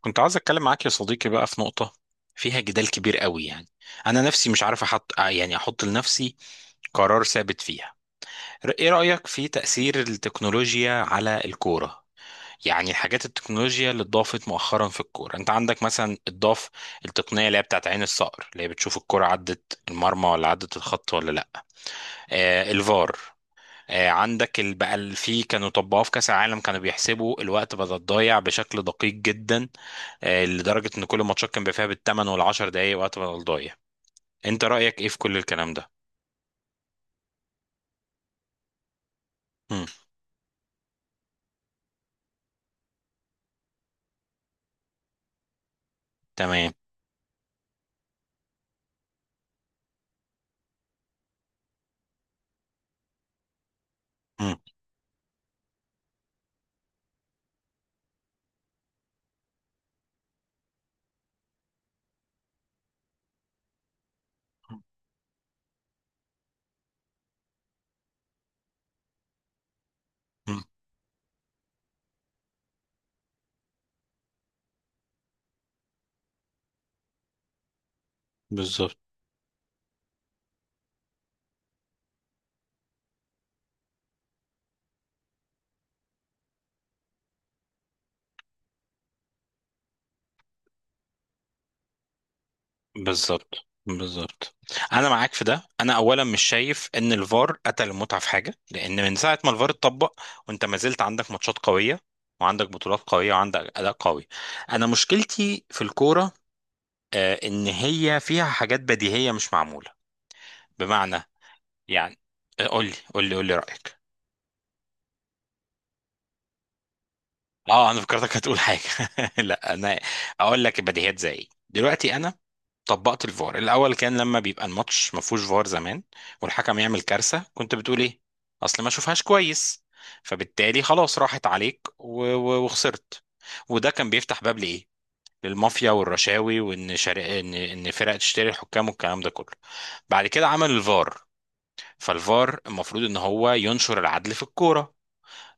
كنت عاوز اتكلم معاك يا صديقي بقى في نقطة فيها جدال كبير قوي يعني. انا نفسي مش عارف احط احط لنفسي قرار ثابت فيها. ايه رأيك في تأثير التكنولوجيا على الكورة؟ يعني الحاجات التكنولوجيا اللي اتضافت مؤخرا في الكورة، انت عندك مثلا اتضاف التقنية اللي هي بتاعت عين الصقر، اللي هي بتشوف الكورة عدت المرمى ولا عدت الخط ولا لا. آه الفار. عندك في كانوا طبقوه في كاس العالم، كانوا بيحسبوا الوقت بدل الضايع بشكل دقيق جدا. لدرجة ان كل الماتشات كان بيبقى فيها بالثمان والعشر دقايق وقت بدل ضايع. انت رأيك ايه في كل الكلام ده؟ مم. تمام. مم. مم. بالظبط بالظبط بالظبط. انا معاك في ده. انا اولا مش شايف ان الفار قتل المتعه في حاجه، لان من ساعه ما الفار اتطبق وانت ما زلت عندك ماتشات قويه وعندك بطولات قويه وعندك اداء قوي. انا مشكلتي في الكوره ان هي فيها حاجات بديهيه مش معموله. بمعنى يعني، قول لي قول لي رايك. اه انا فكرتك هتقول حاجه. لا انا اقول لك البديهيات زي ايه. دلوقتي انا طبقت الفار الاول كان لما بيبقى الماتش ما فيهوش فار زمان والحكم يعمل كارثه، كنت بتقول ايه؟ اصل ما شوفهاش كويس. فبالتالي خلاص راحت عليك و وخسرت وده كان بيفتح باب لايه؟ للمافيا والرشاوي، وان شر... ان ان فرق تشتري الحكام والكلام ده كله. بعد كده عمل الفار. فالفار المفروض ان هو ينشر العدل في الكوره،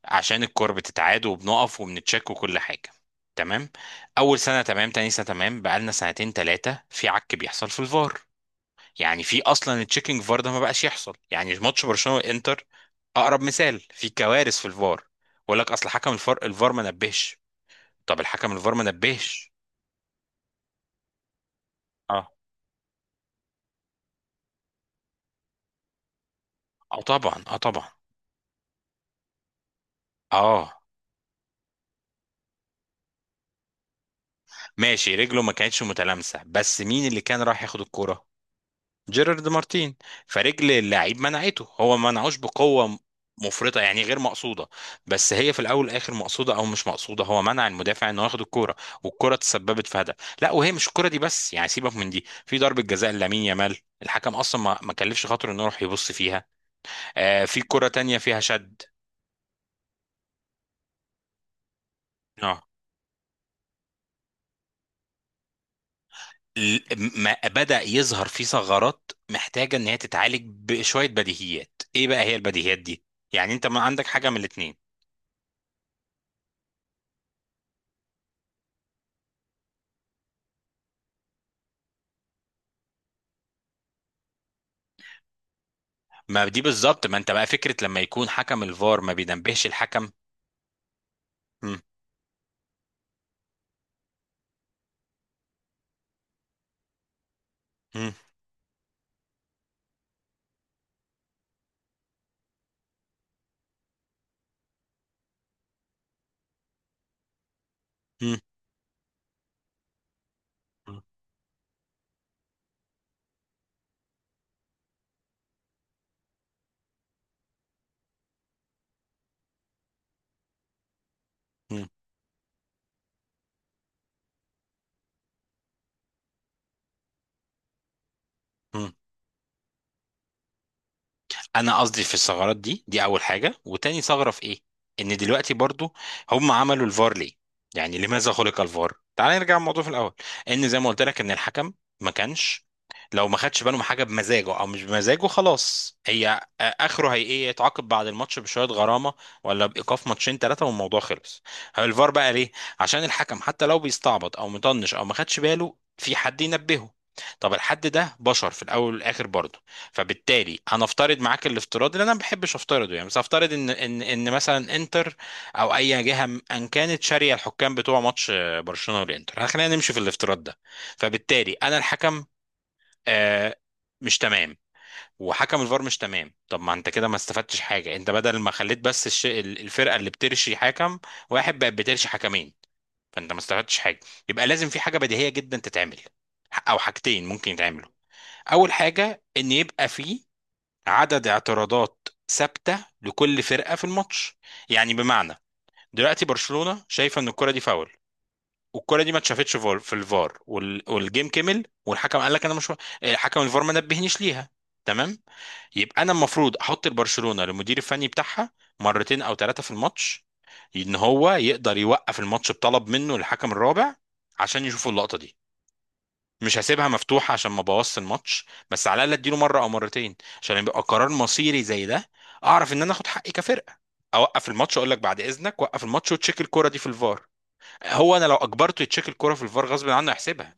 عشان الكور بتتعاد وبنقف وبنتشك وكل حاجه. تمام. اول سنه تمام، تاني سنه تمام، بقالنا سنتين ثلاثه في عك بيحصل في الفار. يعني في اصلا التشيكينج فار ده ما بقاش يحصل. يعني ماتش برشلونه والانتر اقرب مثال في كوارث في الفار. بقول لك اصل حكم الفار، ما نبهش. طب الحكم الفار ما نبهش. اه اه طبعا اه طبعا اه. ماشي، رجله ما كانتش متلامسه، بس مين اللي كان راح ياخد الكوره؟ جيرارد مارتين. فرجل اللاعب منعته. هو ما منعوش بقوه مفرطه، يعني غير مقصوده، بس هي في الاول والاخر مقصوده او مش مقصوده، هو منع المدافع انه ياخد الكوره والكوره تسببت في هدف. لا وهي مش الكوره دي بس، يعني سيبك من دي، في ضربه جزاء لامين يامال الحكم اصلا ما كلفش خاطره انه يروح يبص فيها. آه في كوره تانية فيها شد. اه. ال- ما بدأ يظهر في ثغرات محتاجة ان هي تتعالج بشوية بديهيات. ايه بقى هي البديهيات دي؟ يعني انت ما عندك حاجة من الاتنين؟ ما دي بالظبط، ما انت بقى فكرة لما يكون حكم الفار ما بينبهش الحكم. مم. مم. مم. مم. مم. انا قصدي في الثغرات دي، دي اول حاجه. وتاني ثغره في ايه؟ ان دلوقتي برضو هم عملوا الفار ليه؟ يعني لماذا خلق الفار؟ تعال نرجع الموضوع في الاول. ان زي ما قلت لك ان الحكم ما كانش، لو ما خدش باله من حاجه بمزاجه او مش بمزاجه، خلاص هي اخره هي ايه؟ يتعاقب بعد الماتش بشويه غرامه، ولا بايقاف ماتشين ثلاثه والموضوع خلص. هو الفار بقى ليه؟ عشان الحكم حتى لو بيستعبط او مطنش او ما خدش باله في حد ينبهه. طب الحد ده بشر في الاول والاخر برضه. فبالتالي هنفترض معاك الافتراض اللي انا ما بحبش افترضه يعني، بس هفترض ان مثلا انتر او اي جهه م- ان كانت شاريه الحكام بتوع ماتش برشلونه والانتر. خلينا نمشي في الافتراض ده. فبالتالي انا الحكم آه، مش تمام، وحكم الفار مش تمام. طب ما انت كده ما استفدتش حاجه. انت بدل ما خليت بس الفرقه اللي بترشي حكم واحد بقت بترشي حكمين، فانت ما استفدتش حاجه. يبقى لازم في حاجه بديهيه جدا تتعمل، او حاجتين ممكن يتعملوا. اول حاجه ان يبقى فيه عدد اعتراضات ثابته لكل فرقه في الماتش. يعني بمعنى، دلوقتي برشلونه شايفه ان الكره دي فاول، والكره دي ما اتشافتش في الفار والجيم كمل، والحكم قال لك انا مش، حكم الفار ما نبهنيش ليها. تمام. يبقى انا المفروض احط البرشلونه للمدير الفني بتاعها مرتين او ثلاثه في الماتش ان هو يقدر يوقف الماتش بطلب منه الحكم الرابع عشان يشوفوا اللقطه دي. مش هسيبها مفتوحة عشان ما بوظش الماتش، بس على الأقل اديله مرة أو مرتين عشان يبقى قرار مصيري زي ده. أعرف إن أنا آخد حقي كفرقة، أوقف الماتش، أقول لك بعد إذنك وقف الماتش وتشيك الكرة دي في الفار. هو أنا لو أجبرته يتشيك الكرة في الفار غصب عنه يحسبها.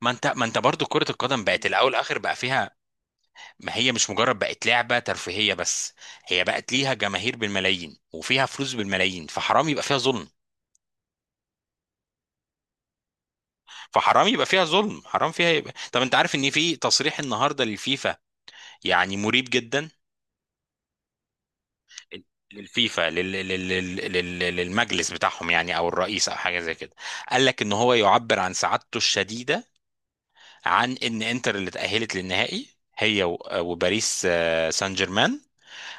ما أنت برضه كرة القدم بقت الأول آخر بقى فيها. ما هي مش مجرد بقت لعبة ترفيهية بس، هي بقت ليها جماهير بالملايين وفيها فلوس بالملايين فحرام يبقى فيها ظلم. فحرام يبقى فيها ظلم، حرام فيها يبقى. طب أنت عارف إن في تصريح النهاردة للفيفا يعني مريب جدا؟ للفيفا، للمجلس بتاعهم يعني او الرئيس او حاجه زي كده، قال لك ان هو يعبر عن سعادته الشديده عن ان انتر اللي تاهلت للنهائي هي وباريس سان جيرمان.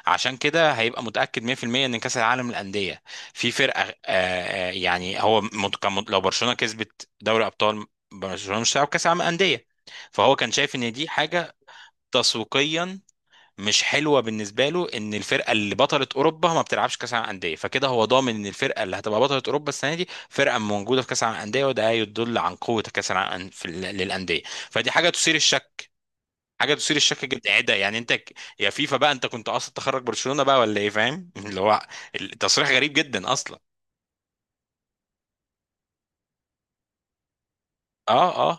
عشان كده هيبقى متاكد 100% ان كاس العالم للانديه في فرقه، يعني هو لو برشلونه كسبت دوري ابطال، برشلونه مش هتلعب كاس العالم للانديه. فهو كان شايف ان دي حاجه تسويقيا مش حلوه بالنسبه له ان الفرقه اللي بطلت اوروبا ما بتلعبش كاس العالم انديه، فكده هو ضامن ان الفرقه اللي هتبقى بطله اوروبا السنه دي فرقه موجوده في كاس العالم انديه، وده يدل عن قوه كاس العالم في للانديه. فدي حاجه تثير الشك، حاجه تثير الشك جدا. ايه ده يعني؟ انت يا فيفا بقى انت كنت قاصد تخرج برشلونه بقى ولا ايه فاهم؟ اللي هو التصريح غريب جدا اصلا. اه اه.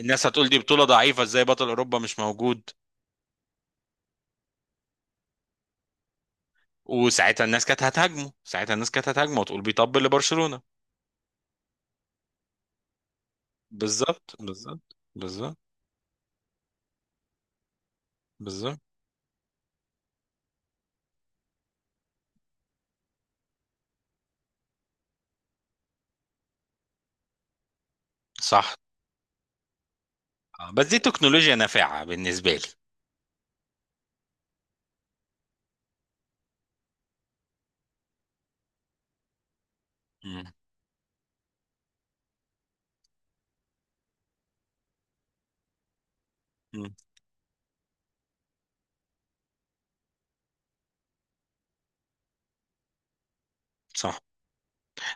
الناس هتقول دي بطوله ضعيفه، ازاي بطل اوروبا مش موجود. وساعتها الناس كانت هتهاجمه، ساعتها الناس كانت هتهاجمه وتقول بيطبل لبرشلونه. بالظبط بالظبط بالظبط بالظبط. صح. بس دي تكنولوجيا نافعة بالنسبة لي. مم. مم. صح.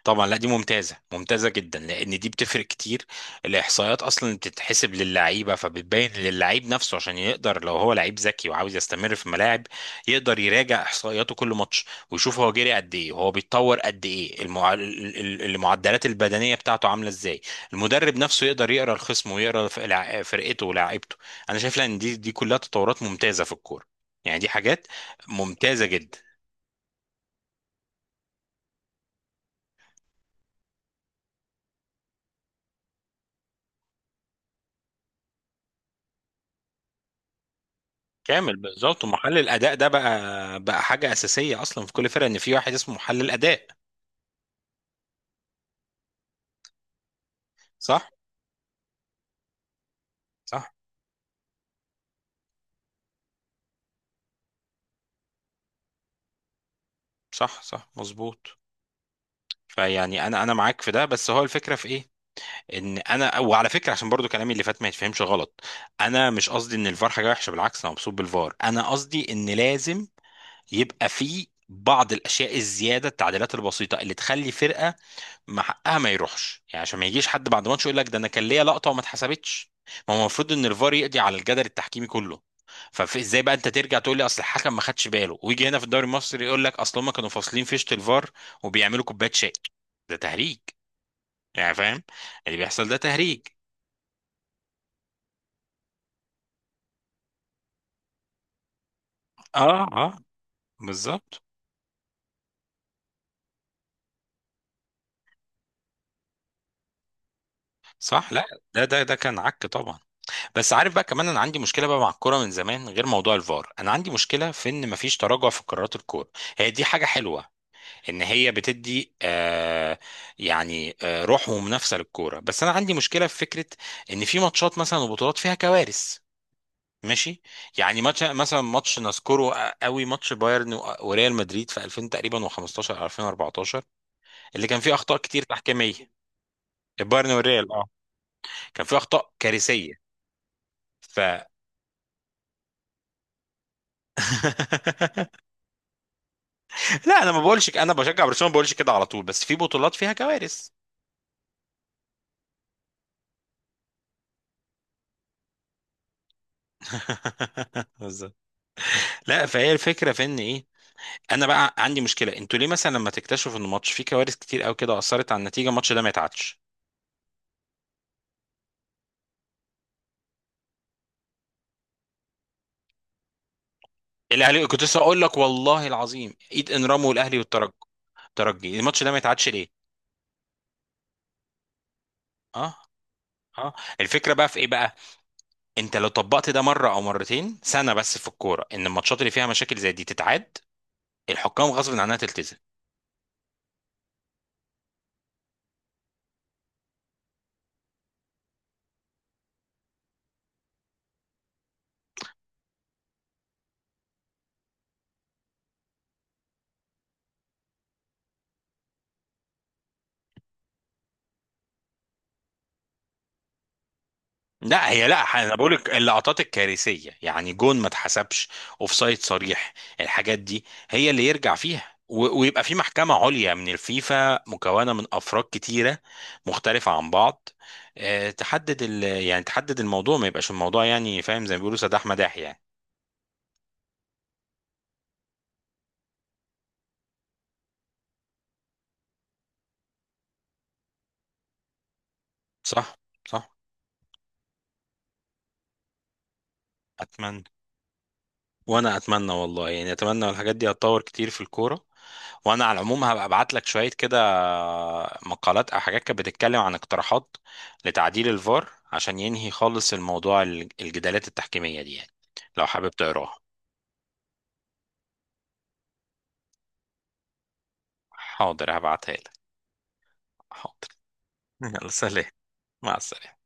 طبعا لا دي ممتازه، ممتازه جدا لان دي بتفرق كتير. الاحصائيات اصلا بتتحسب للعيبه، فبتبين للعيب نفسه عشان يقدر، لو هو لعيب ذكي وعاوز يستمر في الملاعب، يقدر يراجع احصائياته كل ماتش، ويشوف هو جري قد ايه وهو بيتطور قد ايه. المعدلات البدنيه بتاعته عامله ازاي. المدرب نفسه يقدر يقرا الخصم ويقرا فرقته ولاعيبته. انا شايف لأ ان دي كلها تطورات ممتازه في الكوره. يعني دي حاجات ممتازه جدا. كامل بالظبط. ومحلل الاداء ده بقى حاجه اساسيه اصلا في كل فرقه ان في واحد اسمه محلل اداء. صح صح. صح مظبوط. فيعني انا معاك في ده، بس هو الفكره في ايه؟ ان انا، وعلى فكره عشان برضو كلامي اللي فات ما يتفهمش غلط، انا مش قصدي ان الفار حاجه وحشه، بالعكس انا مبسوط بالفار، انا قصدي ان لازم يبقى في بعض الاشياء الزياده، التعديلات البسيطه اللي تخلي فرقه ما حقها ما يروحش، يعني عشان ما يجيش حد بعد ماتش يقول لك ده انا كان ليا لقطه وما اتحسبتش. ما هو المفروض ان الفار يقضي على الجدل التحكيمي كله. فازاي بقى انت ترجع تقول لي اصل الحكم ما خدش باله؟ ويجي هنا في الدوري المصري يقول لك اصل هم كانوا فاصلين فيشه الفار وبيعملوا كوبايه شاي. ده تهريج يعني، فاهم؟ اللي بيحصل ده تهريج. اه اه بالظبط. صح. لا ده كان عك طبعا. بس عارف بقى، كمان انا عندي مشكله بقى مع الكوره من زمان غير موضوع الفار، انا عندي مشكله في ان مفيش تراجع في قرارات الكوره. هي دي حاجه حلوه ان هي بتدي آه، يعني آه روح ومنافسه للكوره، بس انا عندي مشكله في فكره ان في ماتشات مثلا وبطولات فيها كوارث. ماشي. يعني ماتش مثلا، ماتش نذكره قوي، ماتش بايرن وريال مدريد في 2000 تقريبا و15 أو 2014، اللي كان فيه اخطاء كتير تحكيميه. البايرن والريال اه. كان فيه اخطاء كارثيه. ف. لا انا ما بقولش انا بشجع برشلونه ما بقولش كده على طول، بس في بطولات فيها كوارث. بالظبط. لا فهي الفكره في ان ايه، انا بقى عندي مشكله، انتوا ليه مثلا لما تكتشفوا ان ماتش فيه كوارث كتير قوي كده اثرت على النتيجه، الماتش ده ما يتعادش؟ الاهلي كنت لسه اقول لك والله العظيم، ايد انرامو والاهلي والترجي، الترجي الماتش ده ما يتعادش ليه؟ اه اه. الفكره بقى في ايه بقى؟ انت لو طبقت ده مره او مرتين سنه بس في الكوره، ان الماتشات اللي فيها مشاكل زي دي تتعاد، الحكام غصب عنها تلتزم. لا هي لا، انا بقول لك اللقطات الكارثيه، يعني جون ما اتحسبش، اوفسايد صريح، الحاجات دي هي اللي يرجع فيها. ويبقى في محكمه عليا من الفيفا مكونه من افراد كتيره مختلفه عن بعض، تحدد يعني تحدد الموضوع ما يبقاش الموضوع يعني فاهم زي ما بيقولوا سداح مداح يعني. صح صح. اتمنى. وانا اتمنى والله يعني، اتمنى الحاجات دي هتطور كتير في الكوره. وانا على العموم هبقى ابعت لك شويه كده مقالات او حاجات كانت بتتكلم عن اقتراحات لتعديل الفار، عشان ينهي خالص الموضوع الجدالات التحكيميه دي يعني، لو حابب تقراها. حاضر هبعتها لك. حاضر. يلا سلام. مع السلامه.